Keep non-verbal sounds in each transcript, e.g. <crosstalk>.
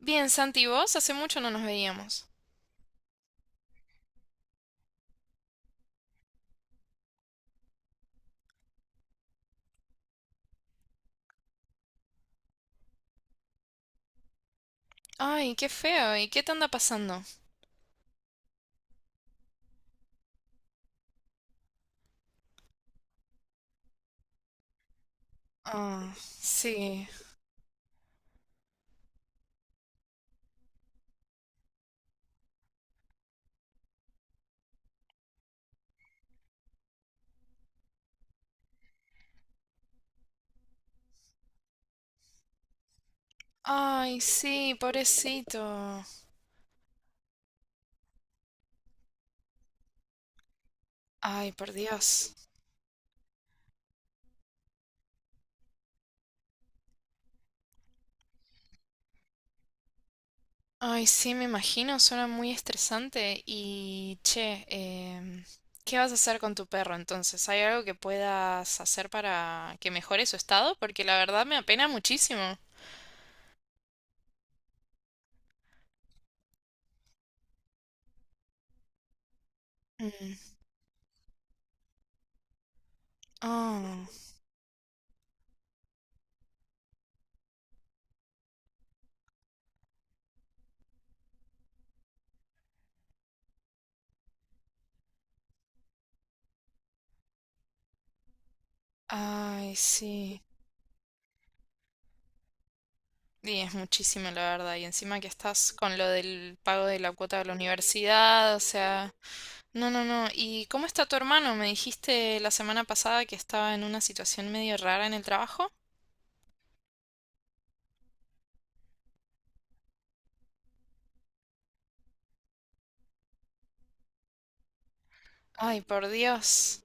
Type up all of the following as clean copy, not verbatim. Bien, Santi, ¿y vos? Hace mucho no nos veíamos. Ay, qué feo. ¿Y qué te anda pasando? Ah, sí. Ay, sí, pobrecito. Ay, por Dios. Ay, sí, me imagino, suena muy estresante. Y, che, ¿qué vas a hacer con tu perro entonces? ¿Hay algo que puedas hacer para que mejore su estado? Porque la verdad me apena muchísimo. Mm. Ah, ay, sí. Y es muchísimo, la verdad. Y encima que estás con lo del pago de la cuota de la universidad, o sea, no, no, no. ¿Y cómo está tu hermano? Me dijiste la semana pasada que estaba en una situación medio rara en el trabajo. Ay, por Dios.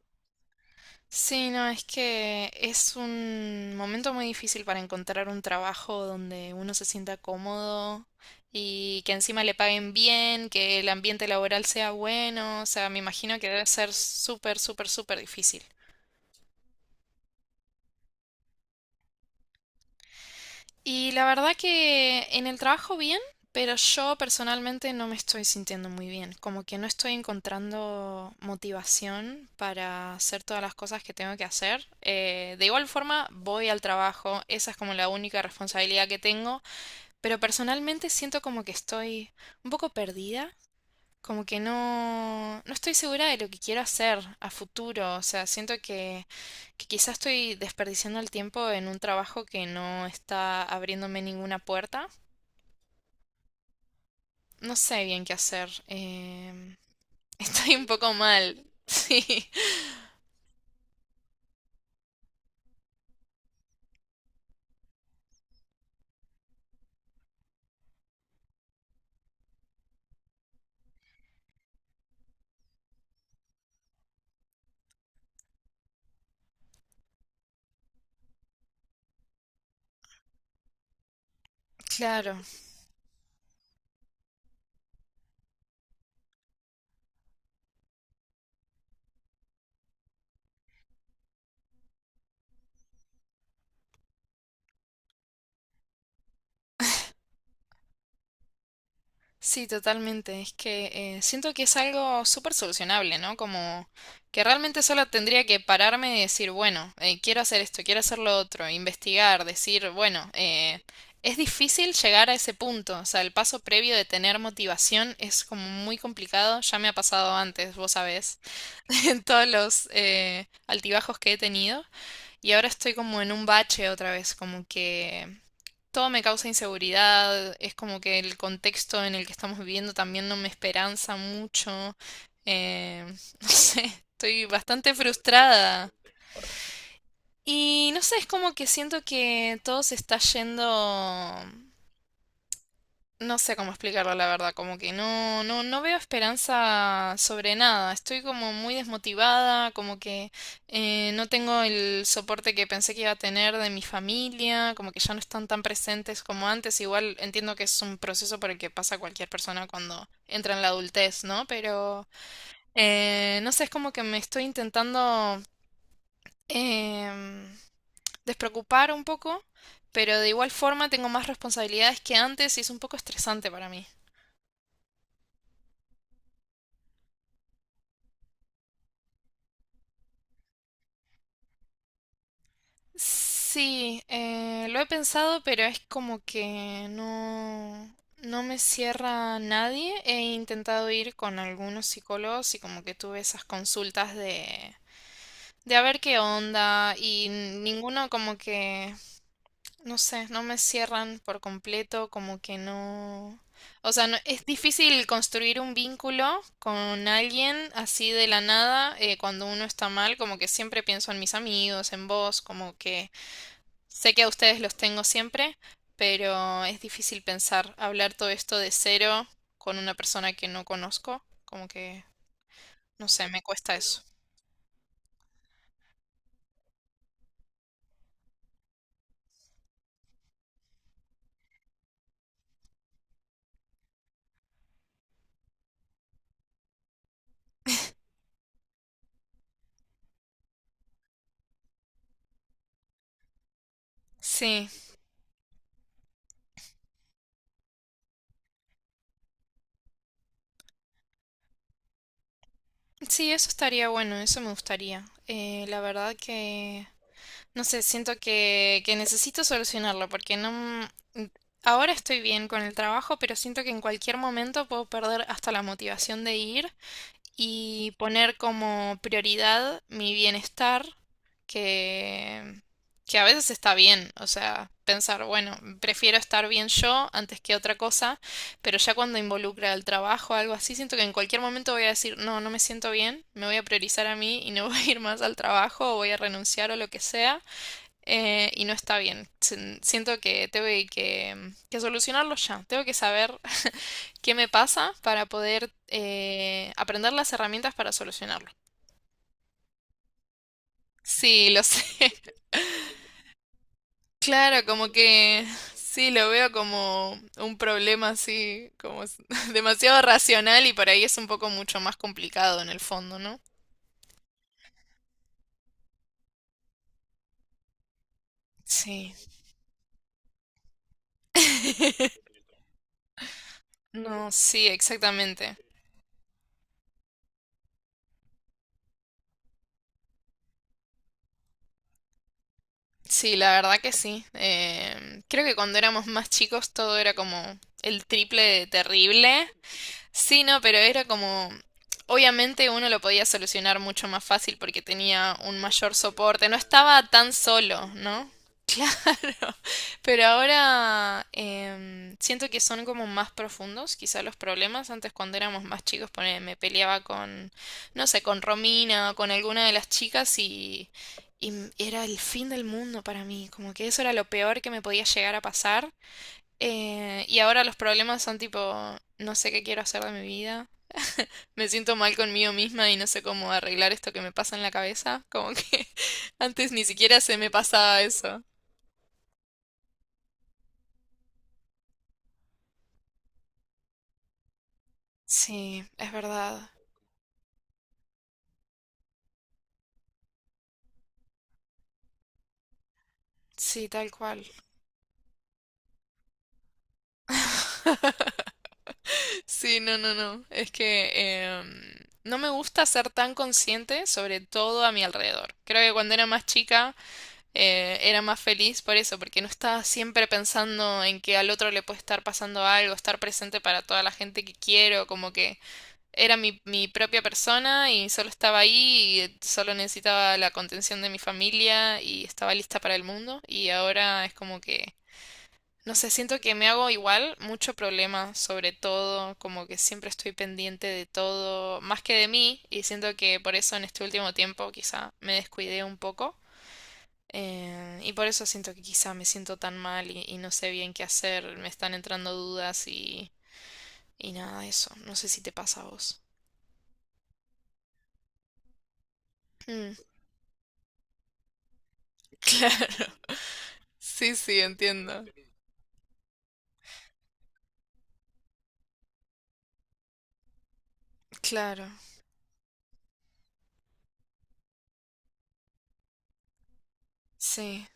Sí, no, es que es un momento muy difícil para encontrar un trabajo donde uno se sienta cómodo y que encima le paguen bien, que el ambiente laboral sea bueno. O sea, me imagino que debe ser súper, súper, súper difícil. Y la verdad que en el trabajo bien, pero yo personalmente no me estoy sintiendo muy bien, como que no estoy encontrando motivación para hacer todas las cosas que tengo que hacer. De igual forma, voy al trabajo, esa es como la única responsabilidad que tengo, pero personalmente siento como que estoy un poco perdida, como que no, no estoy segura de lo que quiero hacer a futuro. O sea, siento que quizás estoy desperdiciando el tiempo en un trabajo que no está abriéndome ninguna puerta. No sé bien qué hacer. <laughs> Estoy un poco mal. <laughs> Sí, claro. Sí, totalmente. Es que siento que es algo súper solucionable, ¿no? Como que realmente solo tendría que pararme y decir, bueno, quiero hacer esto, quiero hacer lo otro, investigar, decir, bueno, es difícil llegar a ese punto. O sea, el paso previo de tener motivación es como muy complicado. Ya me ha pasado antes, vos sabés, <laughs> en todos los altibajos que he tenido. Y ahora estoy como en un bache otra vez, como que todo me causa inseguridad, es como que el contexto en el que estamos viviendo también no me esperanza mucho. eh, <laughs> no sé, estoy bastante frustrada. Y no sé, es como que siento que todo se está yendo, no sé cómo explicarlo, la verdad, como que no, no, no veo esperanza sobre nada. Estoy como muy desmotivada, como que no tengo el soporte que pensé que iba a tener de mi familia, como que ya no están tan presentes como antes. Igual entiendo que es un proceso por el que pasa cualquier persona cuando entra en la adultez, ¿no? Pero no sé, es como que me estoy intentando em, despreocupar un poco, pero de igual forma tengo más responsabilidades que antes y es un poco estresante para mí. Sí, lo he pensado, pero es como que no, no me cierra nadie. He intentado ir con algunos psicólogos y como que tuve esas consultas de a ver qué onda y ninguno como que, no sé, no me cierran por completo, como que no... O sea, es difícil construir un vínculo con alguien así de la nada cuando uno está mal, como que siempre pienso en mis amigos, en vos, como que... Sé que a ustedes los tengo siempre, pero es difícil pensar, hablar todo esto de cero con una persona que no conozco, como que, no sé, me cuesta eso. Sí, sí, eso estaría bueno, eso me gustaría. La verdad que, no sé, siento que necesito solucionarlo porque no... m- Ahora estoy bien con el trabajo, pero siento que en cualquier momento puedo perder hasta la motivación de ir y poner como prioridad mi bienestar, que, que a veces está bien, o sea, pensar, bueno, prefiero estar bien yo antes que otra cosa, pero ya cuando involucra el trabajo o algo así, siento que en cualquier momento voy a decir, no, no me siento bien, me voy a priorizar a mí y no <laughs> voy a ir más al trabajo o voy a renunciar o lo que sea, y no está bien. Siento que tengo que solucionarlo ya, tengo que saber qué me pasa para poder aprender las herramientas para solucionarlo. Sí, lo sé. <laughs> Claro, como que sí, lo veo como un problema así, como es <laughs> demasiado racional y por ahí es un poco mucho más complicado en el fondo, ¿no? Sí. <laughs> No, sí, exactamente. Sí, la verdad que sí. Creo que cuando éramos más chicos todo era como el triple de terrible. Sí, no, pero era como, obviamente uno lo podía solucionar mucho más fácil porque tenía un mayor soporte, no estaba tan solo, ¿no? <laughs> Pero ahora siento que son como más profundos, quizá los problemas. Antes cuando éramos más chicos, me peleaba con, no sé, con Romina o con alguna de las chicas y, y era el fin del mundo para mí, como que eso era lo peor que me podía llegar a pasar. Y ahora los problemas son tipo, no sé qué quiero hacer de mi vida. Me siento mal conmigo misma y no sé cómo arreglar esto que me pasa en la cabeza. Como que <laughs> antes ni siquiera se me pasaba eso. Sí, es verdad. Sí, tal cual. Sí, no, no, no. Es que no me gusta ser tan consciente sobre todo a mi alrededor. Creo que cuando era más chica era más feliz por eso, porque no estaba siempre pensando en que al otro le puede estar pasando algo, estar presente para toda la gente que quiero, como que era mi propia persona y solo estaba ahí y solo necesitaba la contención de mi familia y estaba lista para el mundo. Y ahora es como que, no sé, siento que me hago igual mucho problema sobre todo, como que siempre estoy pendiente de todo, más que de mí, y siento que por eso en este último tiempo quizá me descuidé un poco. Y por eso siento que quizá me siento tan mal y no sé bien qué hacer, me están entrando dudas y nada, eso. No sé si te pasa a vos. Mm, <laughs> claro. Sí, sí, entiendo. Claro, sí.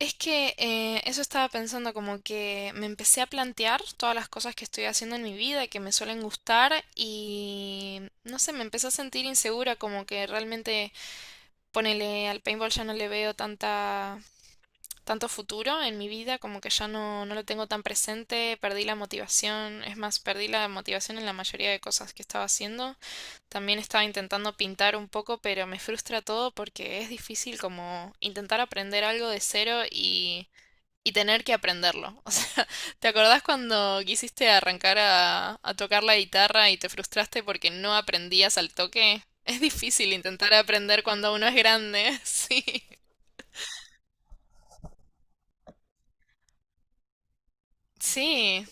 Es que eso estaba pensando, como que me empecé a plantear todas las cosas que estoy haciendo en mi vida que me suelen gustar y no sé, me empecé a sentir insegura, como que realmente, ponele, al paintball ya no le veo tanta, tanto futuro en mi vida, como que ya no, no lo tengo tan presente, perdí la motivación, es más, perdí la motivación en la mayoría de cosas que estaba haciendo. También estaba intentando pintar un poco, pero me frustra todo porque es difícil como intentar aprender algo de cero y tener que aprenderlo. <laughs> O sea, ¿te acordás cuando quisiste arrancar a tocar la guitarra y te frustraste porque no aprendías al toque? Es difícil intentar aprender cuando uno es grande. <laughs> Sí. Sí,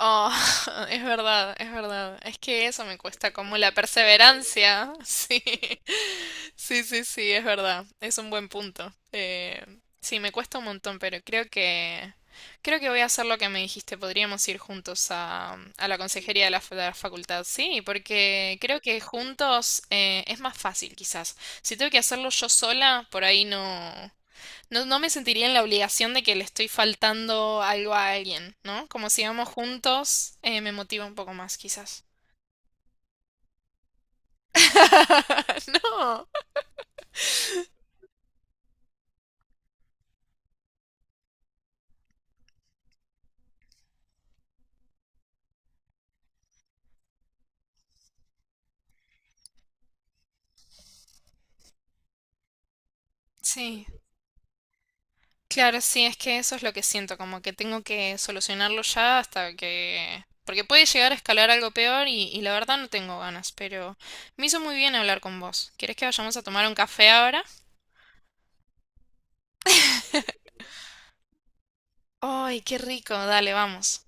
Oh, <laughs> es verdad, es verdad. Es que eso me cuesta como la perseverancia. <laughs> Sí, sí, sí, sí, es verdad. Es un buen punto. Sí, me cuesta un montón, pero creo que voy a hacer lo que me dijiste. Podríamos ir juntos a la consejería de la, de la facultad. Sí, porque creo que juntos es más fácil, quizás. Si tengo que hacerlo yo sola, por ahí no. No, no me sentiría en la obligación de que le estoy faltando algo a alguien, ¿no? Como si vamos juntos, me motiva un poco más, quizás. <laughs> No. Sí. Claro, sí, es que eso es lo que siento, como que tengo que solucionarlo ya hasta que... Porque puede llegar a escalar algo peor y la verdad no tengo ganas, pero me hizo muy bien hablar con vos. ¿Querés que vayamos a tomar un café ahora? ¡Ay, qué rico! Dale, vamos.